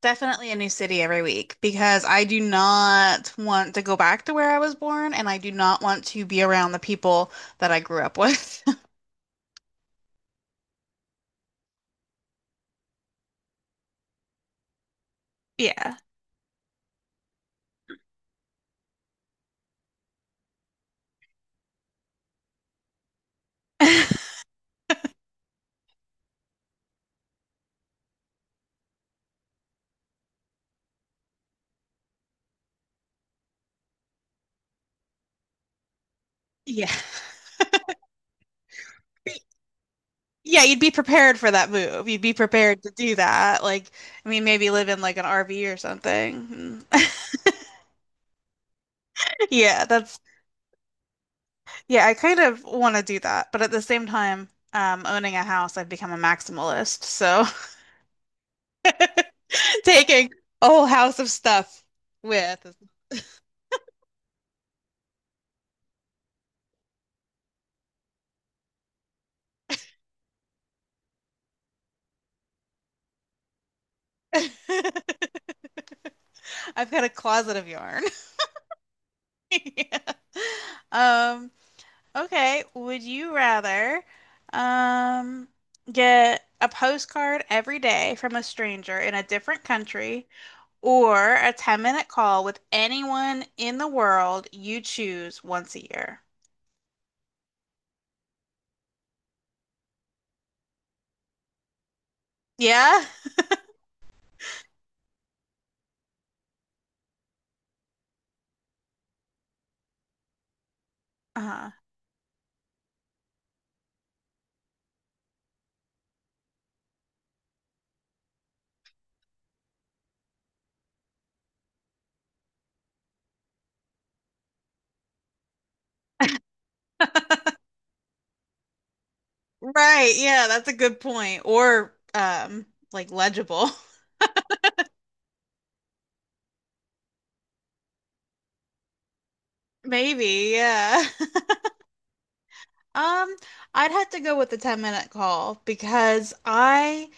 Definitely a new city every week because I do not want to go back to where I was born and I do not want to be around the people that I grew up with. Yeah. Yeah. Yeah, you'd be prepared for that move. You'd be prepared to do that. Like, I mean, maybe live in like an RV or something. Yeah, that's, yeah, I kind of want to do that. But at the same time, owning a house, I've become a maximalist. So taking a whole house of stuff with. I've got a closet of yarn. Yeah. Um, okay, would you rather um get a postcard every day from a stranger in a different country or a 10-minute call with anyone in the world you choose once a year? Yeah? Uh-huh. Right, yeah, that's a good point. Or like legible. Maybe, yeah. Um, I'd have to go with the 10-minute call because I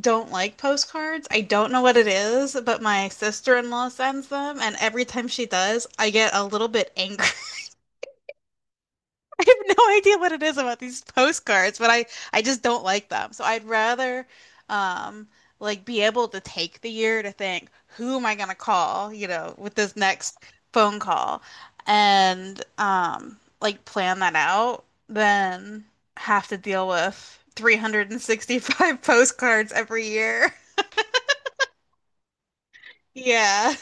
don't like postcards. I don't know what it is, but my sister-in-law sends them, and every time she does, I get a little bit angry. I have no idea what it is about these postcards, but I just don't like them. So I'd rather um like be able to take the year to think, who am I gonna call, you know, with this next phone call and like plan that out than have to deal with 365 postcards every year. Yeah.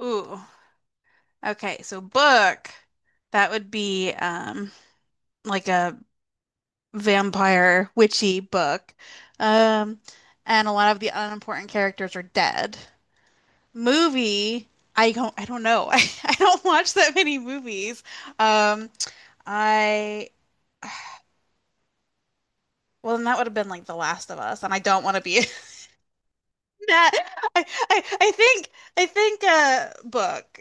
Ooh. Okay, so book, that would be like a vampire witchy book. Um and a lot of the unimportant characters are dead. Movie, I don't know. I, don't watch that many movies. Um I Well then that would have been like The Last of Us and I don't want to be that. I, I I think I think book.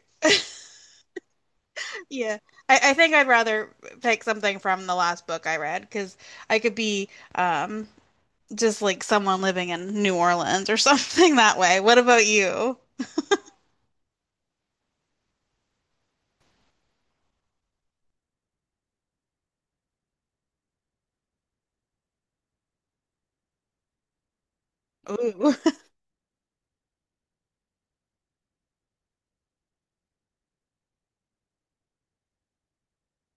Yeah, I think I'd rather pick something from the last book I read because I could be um, just like someone living in New Orleans or something that way. What about you? Ooh.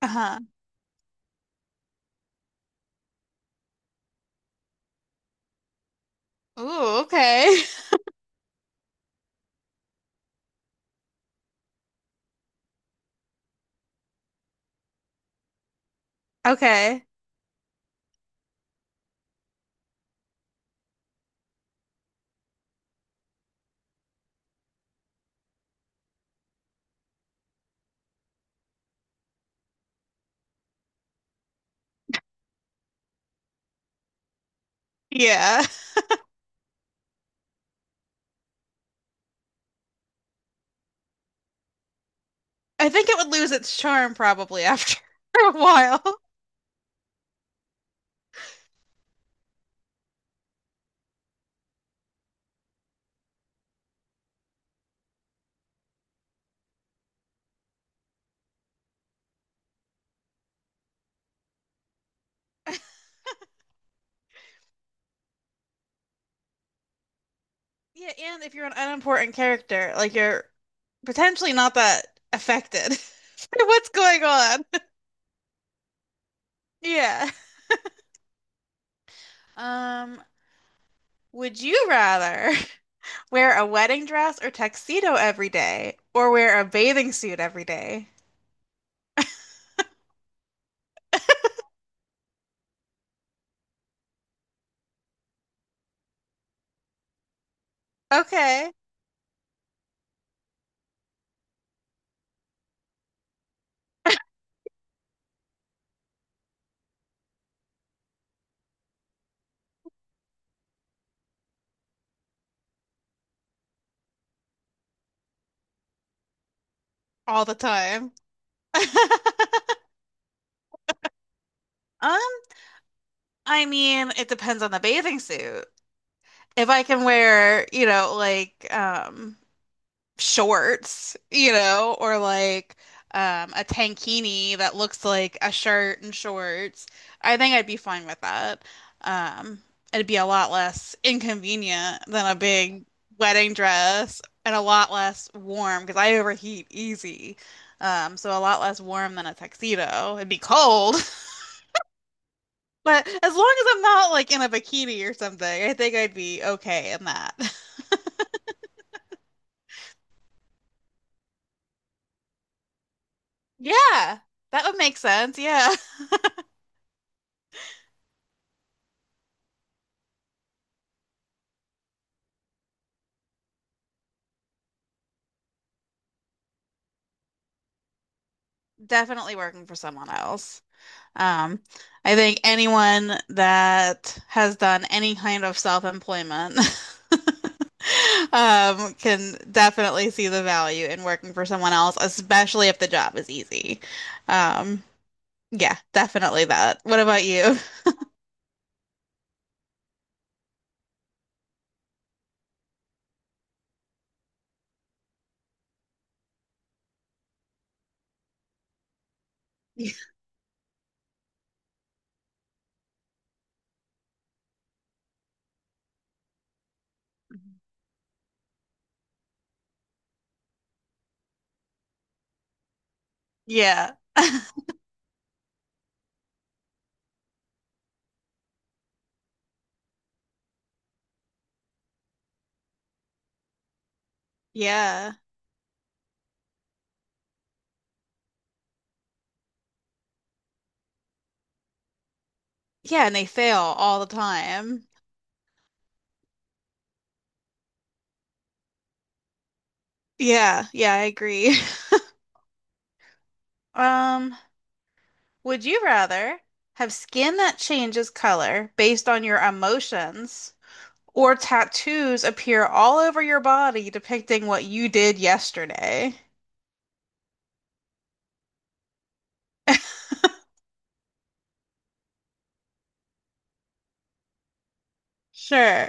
Uh-huh. Ooh, okay. Okay. Yeah. I think it would lose its charm probably after a while. Yeah, and if you're an unimportant character, like you're potentially not that affected by what's going on. Yeah. Um, would you rather? Wear a wedding dress or tuxedo every day, or wear a bathing suit every day. Okay. All the time. Um, I mean, it depends on the bathing suit. If I can wear, you know, like shorts, you know, or like a tankini that looks like a shirt and shorts. I think I'd be fine with that. Um, It'd be a lot less inconvenient than a big wedding dress and a lot less warm because I overheat easy. So a lot less warm than a tuxedo. It'd be cold, but as long as I'm not like in a bikini or something, I think I'd be okay in that. Yeah, that would make sense. Yeah. Definitely working for someone else. Um, I think anyone that has done any kind of self-employment can definitely see the value in working for someone else, especially if the job is easy. Um, yeah, definitely that. What about you? Yeah, yeah. Yeah, and they fail all the time. Yeah, yeah, I agree. Um, Would you rather have skin that changes color based on your emotions or tattoos appear all over your body depicting what you did yesterday? Sure.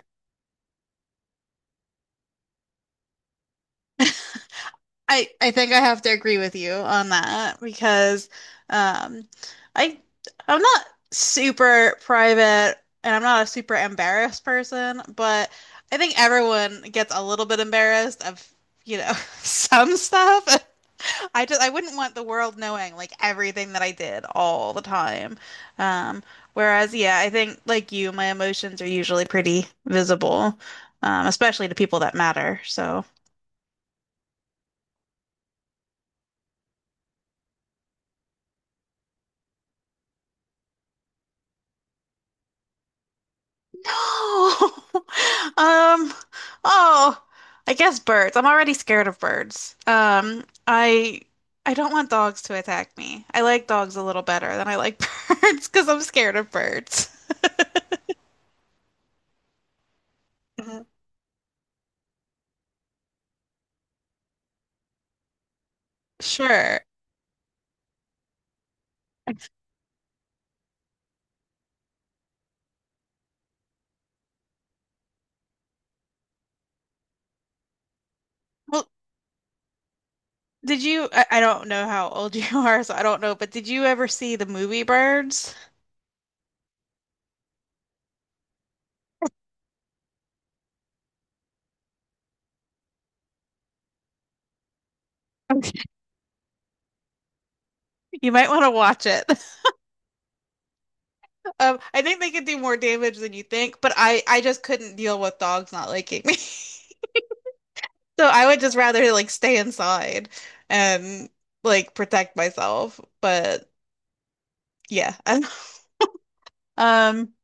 I think I have to agree with you on that because um I I'm not super private and I'm not a super embarrassed person, but I think everyone gets a little bit embarrassed of, you know, some stuff. I wouldn't want the world knowing like everything that I did all the time. Um Whereas yeah, I think like you, my emotions are usually pretty visible, especially to people that matter. So Oh, um, oh, I guess birds. I'm already scared of birds. I don't want dogs to attack me. I like dogs a little better than I like birds because I'm scared of birds. Mhm. Sure. Well, did you? I don't know how old you are, so I don't know, but did you ever see the movie Birds? You might want to watch it. I think they could do more damage than you think, but I just couldn't deal with dogs not liking me. So I would just rather like stay inside and like protect myself. But yeah. Um